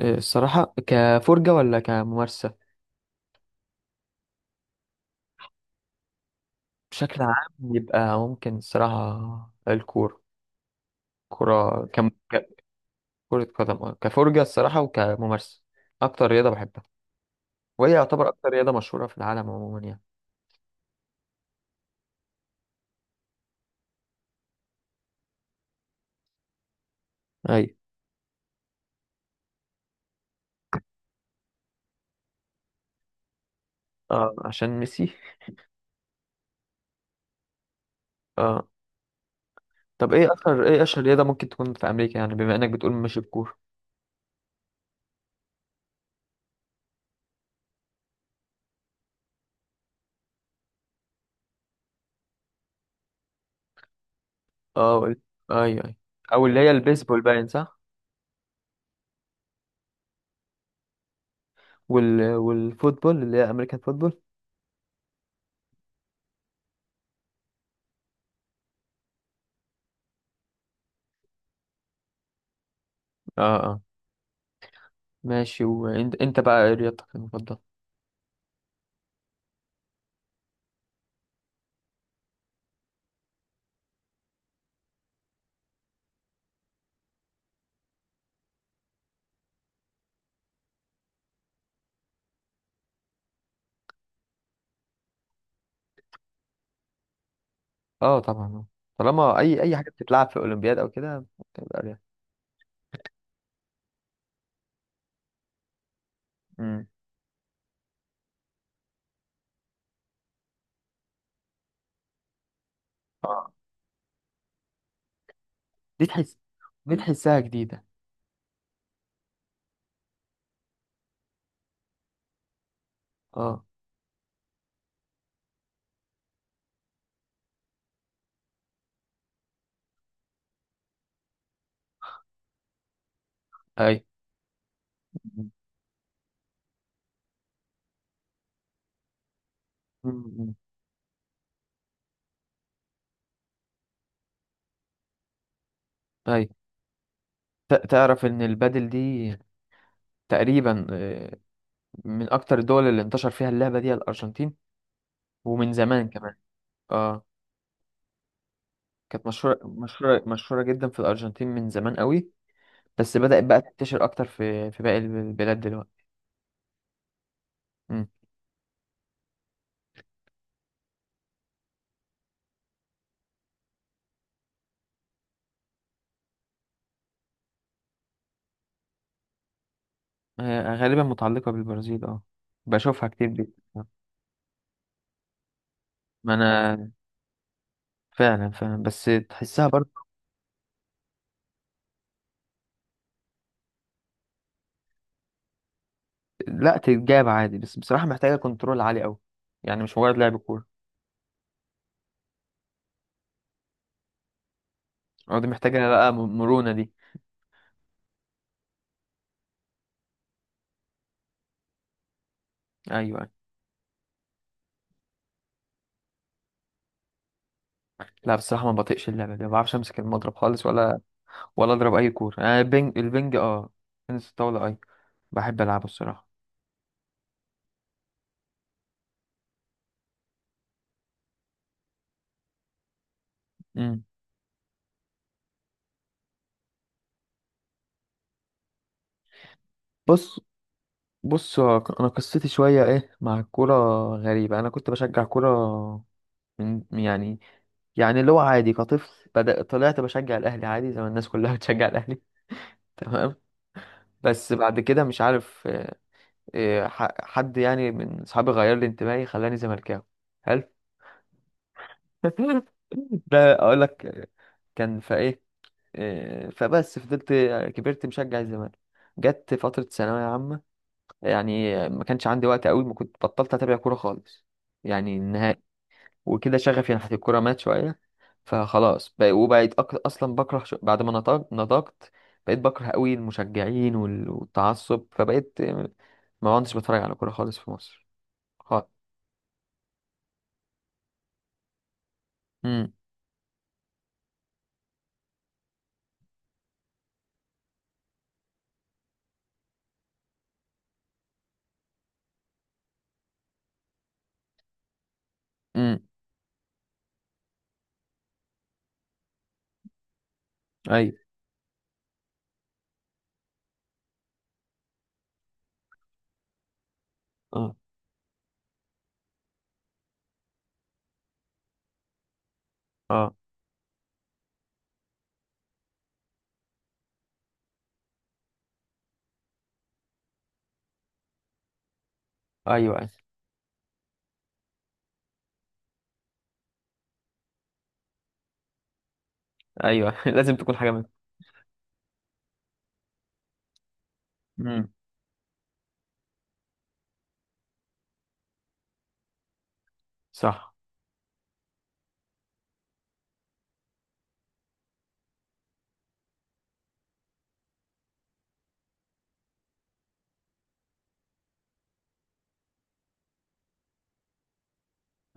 الصراحة كفرجة ولا كممارسة؟ بشكل عام يبقى ممكن الصراحة الكورة، كرة كم... ك- كرة قدم. آه. كفرجة الصراحة وكممارسة. أكتر رياضة بحبها، وهي يعتبر أكتر رياضة مشهورة في العالم عموما يعني. أي. آه، عشان ميسي. آه. طب إيه أشهر رياضة ممكن تكون في أمريكا، يعني بما إنك بتقول مش الكورة. آه، قول. أي أي. أو اللي هي البيسبول باين، صح. والفوتبول اللي هي أمريكان فوتبول. آه آه. ماشي. وإنت بقى إيه رياضتك المفضلة؟ اه، طبعا. طالما اي حاجه بتتلعب في الاولمبياد او كده بتبقى رياضه. امم. اه، دي تحس دي تحسها جديده. اه. اي. امم. اي. تعرف ان البادل دي تقريبا، من اكتر الدول اللي انتشر فيها اللعبه دي الارجنتين، ومن زمان كمان. اه. كانت مشهوره مشهوره مشهوره جدا في الارجنتين من زمان قوي، بس بدات بقى تنتشر اكتر في باقي البلاد دلوقتي. امم. هي غالبا متعلقه بالبرازيل. اه. بشوفها كتير جدا. آه. ما انا فعلا فعلا، بس تحسها برضه. لا، تتجاب عادي، بس بصراحة محتاجة كنترول عالي قوي، يعني مش مجرد لعب كورة. أو دي محتاجة بقى، مرونة دي. أيوة أيوة. لا بصراحة ما بطيقش اللعبة دي، ما بعرفش أمسك المضرب خالص، ولا أضرب أي كورة. أنا البنج البنج، أه. تنس الطاولة أي، بحب ألعبه الصراحة. أمم. بص بص، هو أنا قصتي شوية إيه مع الكورة، غريبة. أنا كنت بشجع كورة من، يعني، اللي هو عادي كطفل بدأ، طلعت بشجع الأهلي عادي زي ما الناس كلها بتشجع الأهلي. تمام. بس بعد كده مش عارف، حد يعني من صحابي غير لي انتمائي خلاني زملكاوي. حلو. ده اقول لك، كان في ايه، فبس فضلت، كبرت مشجع الزمالك. جت فترة ثانوية عامة، يعني ما كانش عندي وقت قوي، ما كنت بطلت اتابع كورة خالص، يعني النهائي. وكده شغفي ناحية الكورة مات شوية. فخلاص بقى، وبقيت أصلا بكره، بعد ما نضجت بقيت بكره قوي المشجعين والتعصب. فبقيت، ما كنتش بتفرج على كورة خالص في مصر خالص. امم امم. ايوه. اه اه. ايوه ايوه ايوه. لازم تكون حاجة منهم. امم. صح.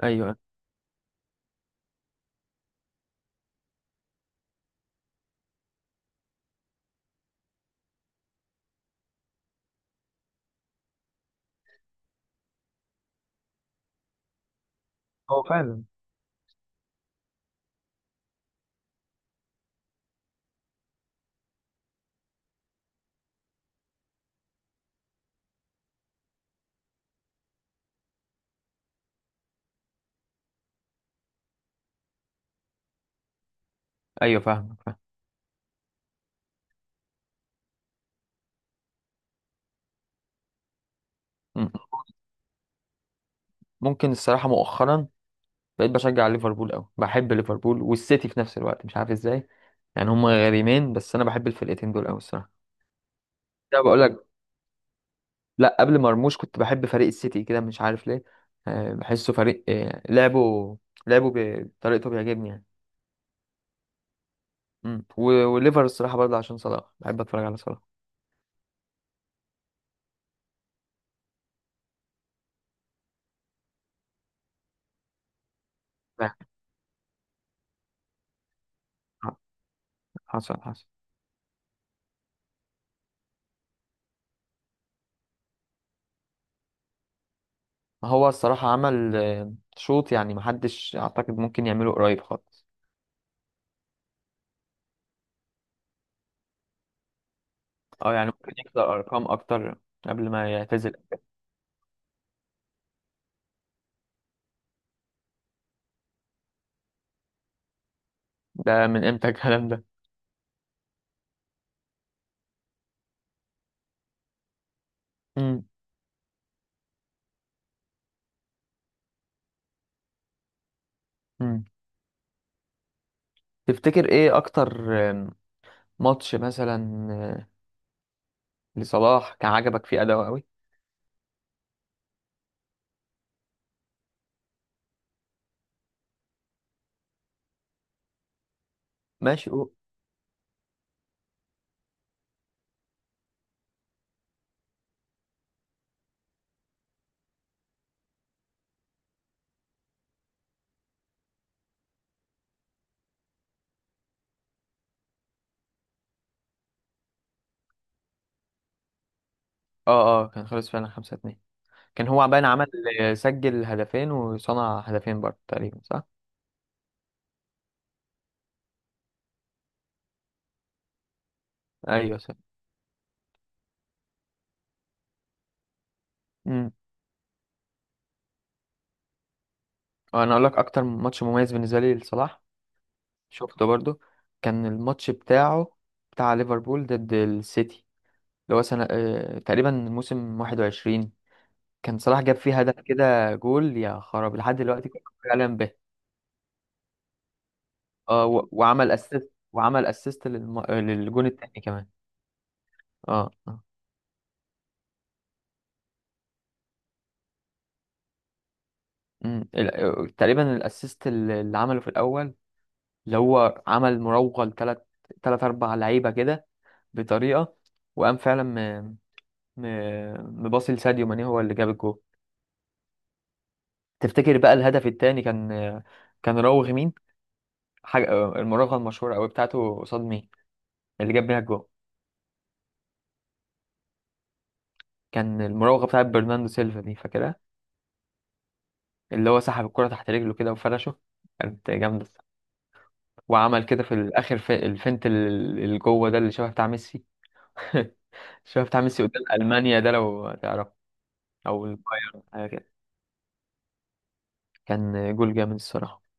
ايوه. هو فعلا. ايوه، فاهم فاهم. مم. ممكن الصراحة مؤخرا بقيت بشجع ليفربول قوي، بحب ليفربول والسيتي في نفس الوقت مش عارف ازاي. يعني هما غريمين، بس انا بحب الفرقتين دول قوي الصراحة. لا، بقول لك. لا، قبل مرموش كنت بحب فريق السيتي كده مش عارف ليه. بحسه فريق، لعبه، بطريقته بيعجبني يعني. مم. وليفر الصراحة برضه عشان صلاح، بحب اتفرج على صلاح. لا. حصل حصل. ما هو الصراحة عمل، شوط يعني محدش اعتقد ممكن يعمله قريب خالص. اه، يعني ممكن يكسر ارقام اكتر قبل ما يعتزل. ده من امتى الكلام ده؟ مم. مم. تفتكر ايه اكتر، آم، ماتش مثلا، لصلاح كان عجبك فيه اداؤه قوي؟ ماشي. اه اه، كان خلص فعلا خمسة اتنين. كان هو عبان عمل، سجل هدفين وصنع هدفين برضه تقريبا، صح؟ ايوه صح. امم. انا اقول لك اكتر ماتش مميز بالنسبة لي لصلاح شفته برضه. كان الماتش بتاعه، بتاع ليفربول ضد السيتي، اللي هو سنة، تقريبا موسم 21. كان صلاح جاب فيه هدف كده، جول يا خراب، لحد دلوقتي كنت بتكلم به. اه، وعمل اسيست، للجون التاني كمان. اه اه. امم. تقريبا الاسيست اللي عمله في الاول، اللي هو عمل مراوغة لتلات تلات أربع لعيبة كده، بطريقة. وقام فعلا م... مباصي لساديو ماني، هو اللي جاب الجول. تفتكر بقى الهدف التاني كان، راوغ مين؟ حاجة المراوغة المشهورة أوي بتاعته قصاد مين؟ اللي جاب بيها الجول. كان المراوغة بتاعت برناردو سيلفا، دي فاكرها؟ اللي هو سحب الكرة تحت رجله كده وفرشه، كانت جامدة. وعمل كده في الآخر في الفنت اللي جوه ده، اللي شبه بتاع ميسي. شبه بتاع ميسي قدام ألمانيا، ده لو تعرفه. أو البايرن. كان جول جامد الصراحة.